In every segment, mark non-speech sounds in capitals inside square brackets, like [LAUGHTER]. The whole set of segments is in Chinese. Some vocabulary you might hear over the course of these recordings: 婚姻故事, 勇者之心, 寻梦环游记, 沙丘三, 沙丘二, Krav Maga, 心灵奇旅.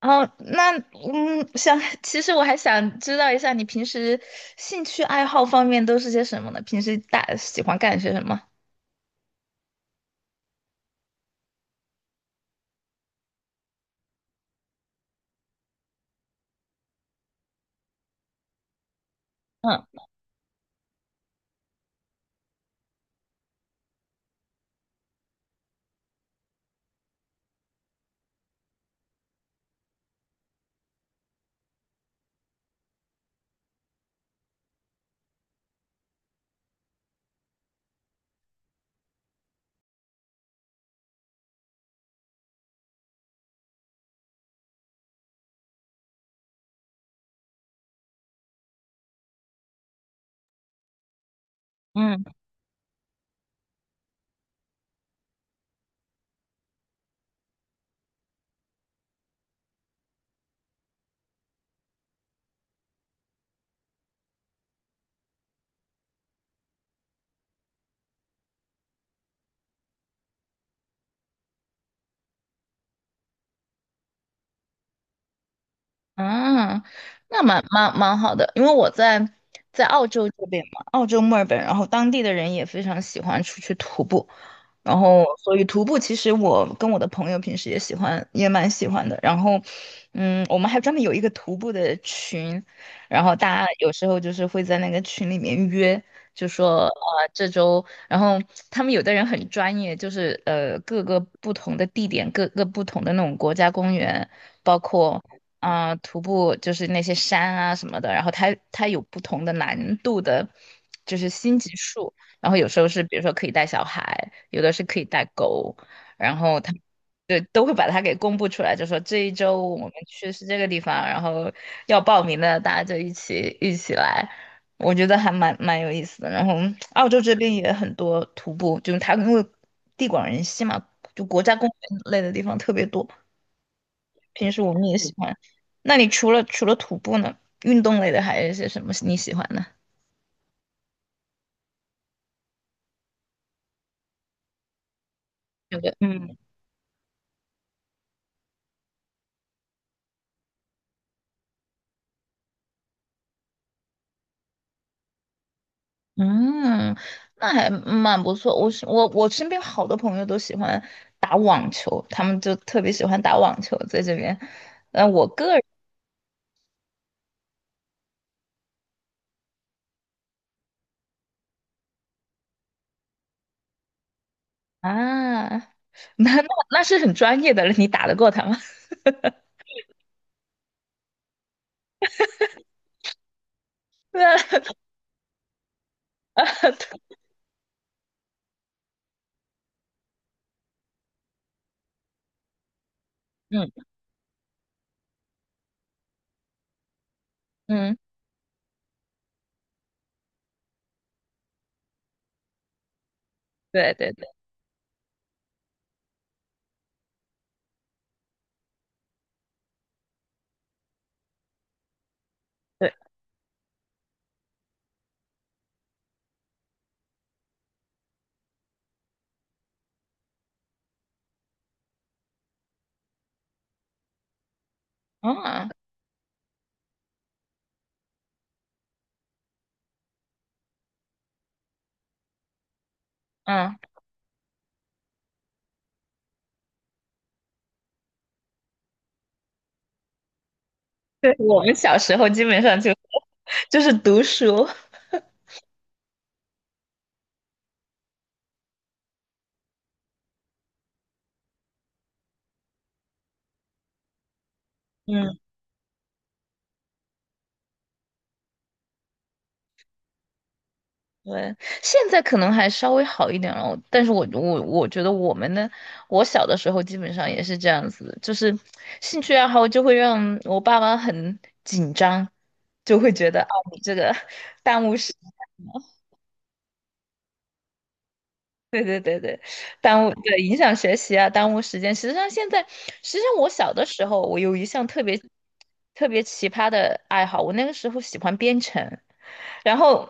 哦，那嗯，想，其实我还想知道一下，你平时兴趣爱好方面都是些什么呢？平时大喜欢干些什么？嗯。嗯。啊，那蛮好的，因为我在澳洲这边嘛，澳洲墨尔本，然后当地的人也非常喜欢出去徒步，然后，所以徒步其实我跟我的朋友平时也喜欢，也蛮喜欢的。我们还专门有一个徒步的群，然后大家有时候就是会在那个群里面约，就说这周，然后他们有的人很专业，就是各个不同的地点，各个不同的那种国家公园，包括啊、徒步就是那些山啊什么的，然后他有不同的难度的，就是星级数。然后有时候是比如说可以带小孩，有的是可以带狗，然后他们都会把它给公布出来，就说这一周我们去是这个地方，然后要报名的大家就一起来，我觉得还蛮有意思的。然后澳洲这边也很多徒步，就是它因为地广人稀嘛，就国家公园类的地方特别多，平时我们也喜欢。那你除了徒步呢，运动类的还有一些什么你喜欢的？有的。嗯。嗯，那还蛮不错。我是我我身边好多朋友都喜欢打网球，他们就特别喜欢打网球在这边。呃，我个人啊。[LAUGHS] 那那是很专业的了，你打得过他吗？[LAUGHS] 对啊。对。嗯。嗯。对对对对。啊。嗯。对，我们小时候基本上就 [LAUGHS] 就是读书，嗯。对，现在可能还稍微好一点了，但是我觉得我们呢，我小的时候基本上也是这样子的，就是兴趣爱好就会让我爸妈很紧张，就会觉得啊你这个 [LAUGHS] 耽误时，间 [LAUGHS] 对对对对，耽误影响学习啊，耽误时间。实际上我小的时候，我有一项特别奇葩的爱好，我那个时候喜欢编程，然后。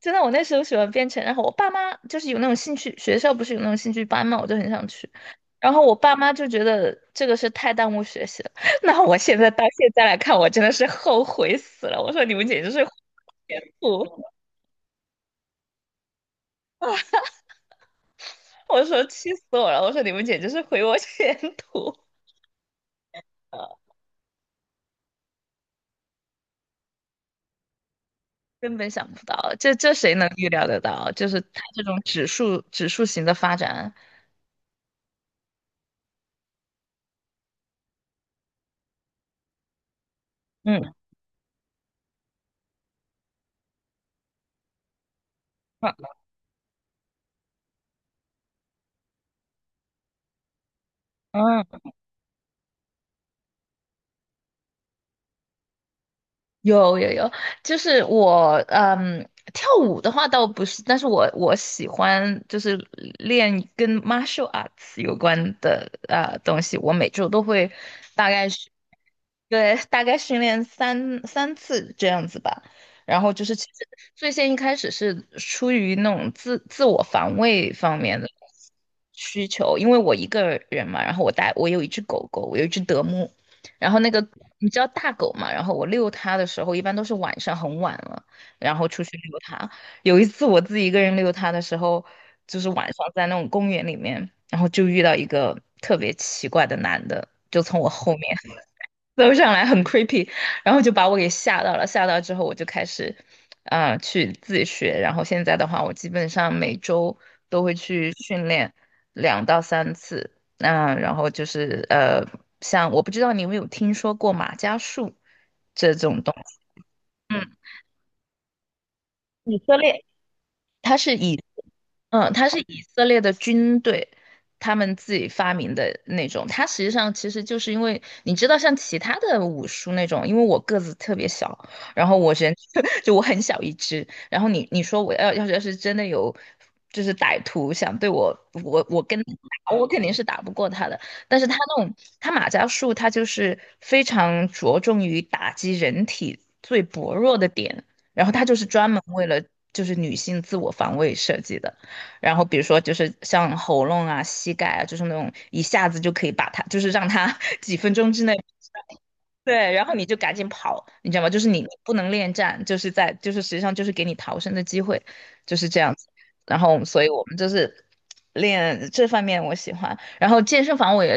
真的，我那时候喜欢编程，然后我爸妈就是有那种兴趣，学校不是有那种兴趣班嘛，我就很想去。然后我爸妈就觉得这个是太耽误学习了。[LAUGHS] 那我到现在来看，我真的是后悔死了。我说你们简直是毁我前途，我说气死我了。我说你们简直是毁我前途。[LAUGHS] 呃，根本想不到，这谁能预料得到？就是它这种指数型的发展，嗯。嗯。嗯。有有有，就是我嗯，跳舞的话倒不是，但是我喜欢就是练跟 martial arts 有关的东西，我每周都会大概是。对，大概训练三次这样子吧。然后就是其实最先一开始是出于那种自我防卫方面的需求，因为我一个人嘛，然后我有一只狗狗，我有一只德牧，然后那个你知道大狗嘛，然后我遛它的时候一般都是晚上很晚了，然后出去遛它。有一次我自己一个人遛它的时候，就是晚上在那种公园里面，然后就遇到一个特别奇怪的男的，就从我后面走上来，很 creepy，然后就把我给吓到了。吓到之后，我就开始，啊、去自学。然后现在的话，我基本上每周都会去训练2到3次。那、然后就是呃，像我不知道你有没有听说过马伽术这种东西。嗯，以色列。它是以嗯，它是以色列的军队，他们自己发明的那种。它实际上其实就是因为你知道，像其他的武术那种，因为我个子特别小，然后我人 [LAUGHS] 就我很小一只，然后你你说我要是真的有就是歹徒想对我，我跟他打，我肯定是打不过他的。但是他那种马伽术，他就是非常着重于打击人体最薄弱的点。然后它就是专门为了就是女性自我防卫设计的。然后比如说就是像喉咙啊、膝盖啊，就是那种一下子就可以把它，就是让它 [LAUGHS] 几分钟之内对，然后你就赶紧跑，你知道吗？就是你不能恋战，就是在就是实际上就是给你逃生的机会，就是这样子。然后，所以我们就是练这方面我喜欢。然后健身房我也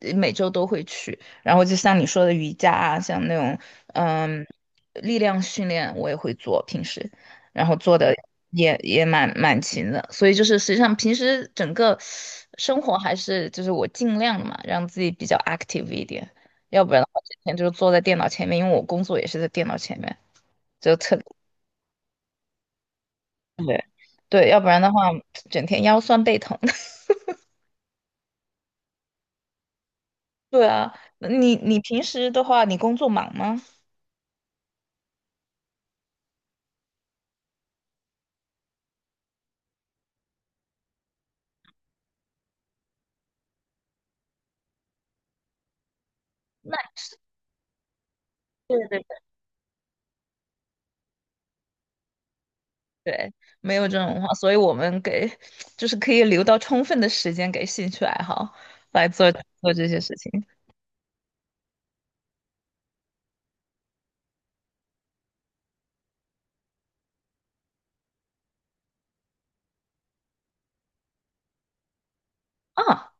每周都会去。然后就像你说的瑜伽啊，像那种嗯力量训练我也会做，平时然后做的也蛮勤的。所以就是实际上平时整个生活还是就是我尽量嘛，让自己比较 active 一点。要不然的话，整天就是坐在电脑前面，因为我工作也是在电脑前面，就特对对，要不然的话，整天腰酸背疼。[LAUGHS] 对啊，那你你平时的话，你工作忙吗？那对对对，没有这种话，所以我们给就是可以留到充分的时间给兴趣爱好来做做这些事情啊。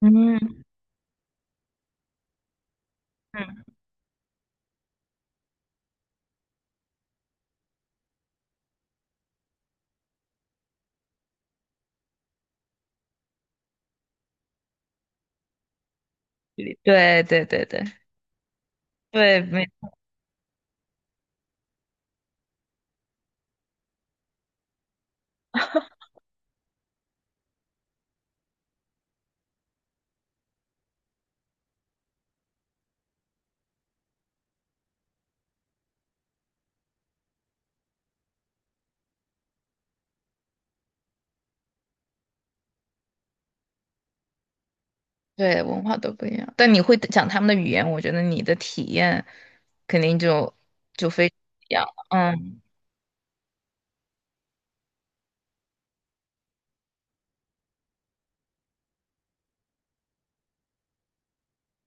嗯。嗯，对对对对对，没。对，文化都不一样，但你会讲他们的语言，我觉得你的体验肯定就就非常不一样了嗯。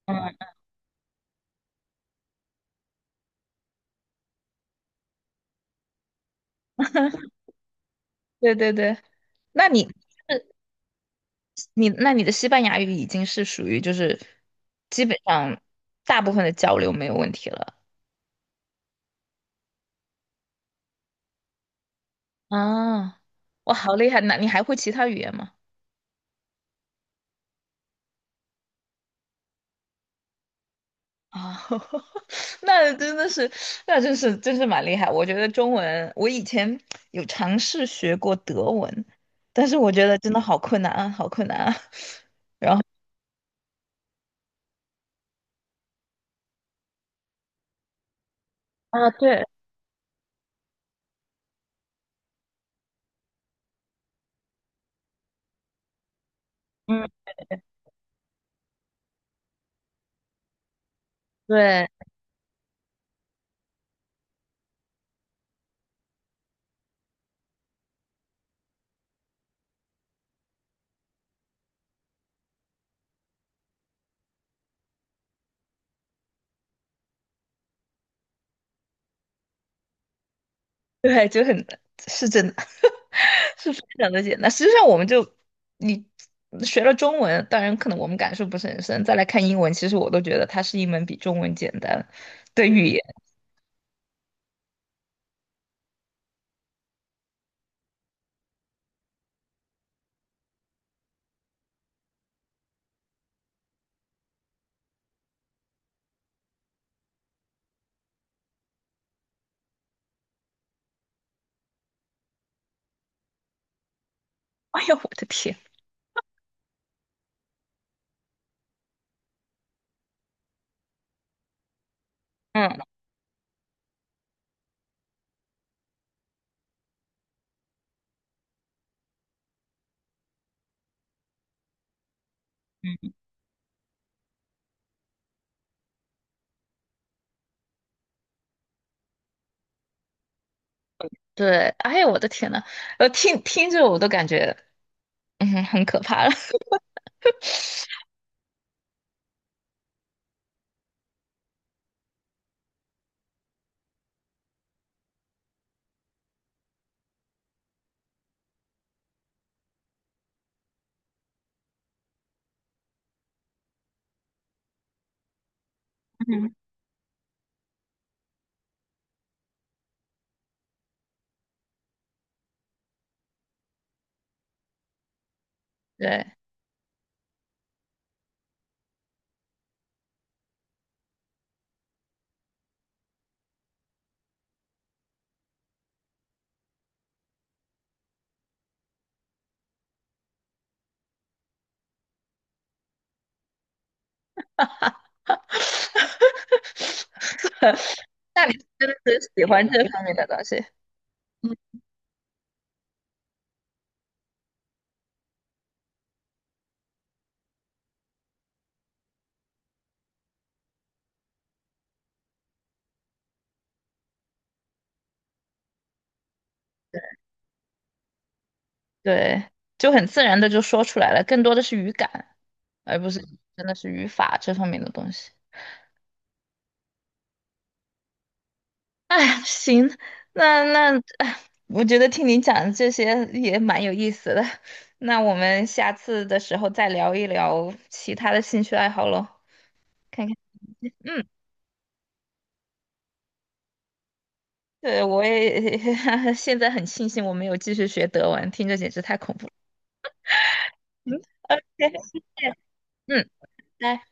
嗯，对对对，那你你那你的西班牙语已经是属于就是基本上大部分的交流没有问题了啊，哇，好厉害！那你还会其他语言吗？啊。[LAUGHS] 那真的是。那真是真是蛮厉害。我觉得中文，我以前有尝试学过德文，但是我觉得真的好困难啊，好困难啊。[LAUGHS] 然后，啊，对。嗯，对。对，就很，是真的，[LAUGHS] 是非常的简单。实际上，我们就你学了中文，当然可能我们感受不是很深，再来看英文，其实我都觉得它是一门比中文简单的语言。哎呀，我的天！嗯。嗯。对，哎呀，我的天呐，听听着我都感觉，嗯，很可怕了。[LAUGHS] 嗯，对，[LAUGHS] 那你真的是喜欢这方面的东西，对，就很自然的就说出来了，更多的是语感，而不是真的是语法这方面的东西。哎，行，那，哎，我觉得听你讲这些也蛮有意思的，那我们下次的时候再聊一聊其他的兴趣爱好喽，看看，嗯。对，我也 [LAUGHS] 现在很庆幸我没有继续学德文，听着简直太恐怖了。嗯，OK，谢谢，嗯，拜。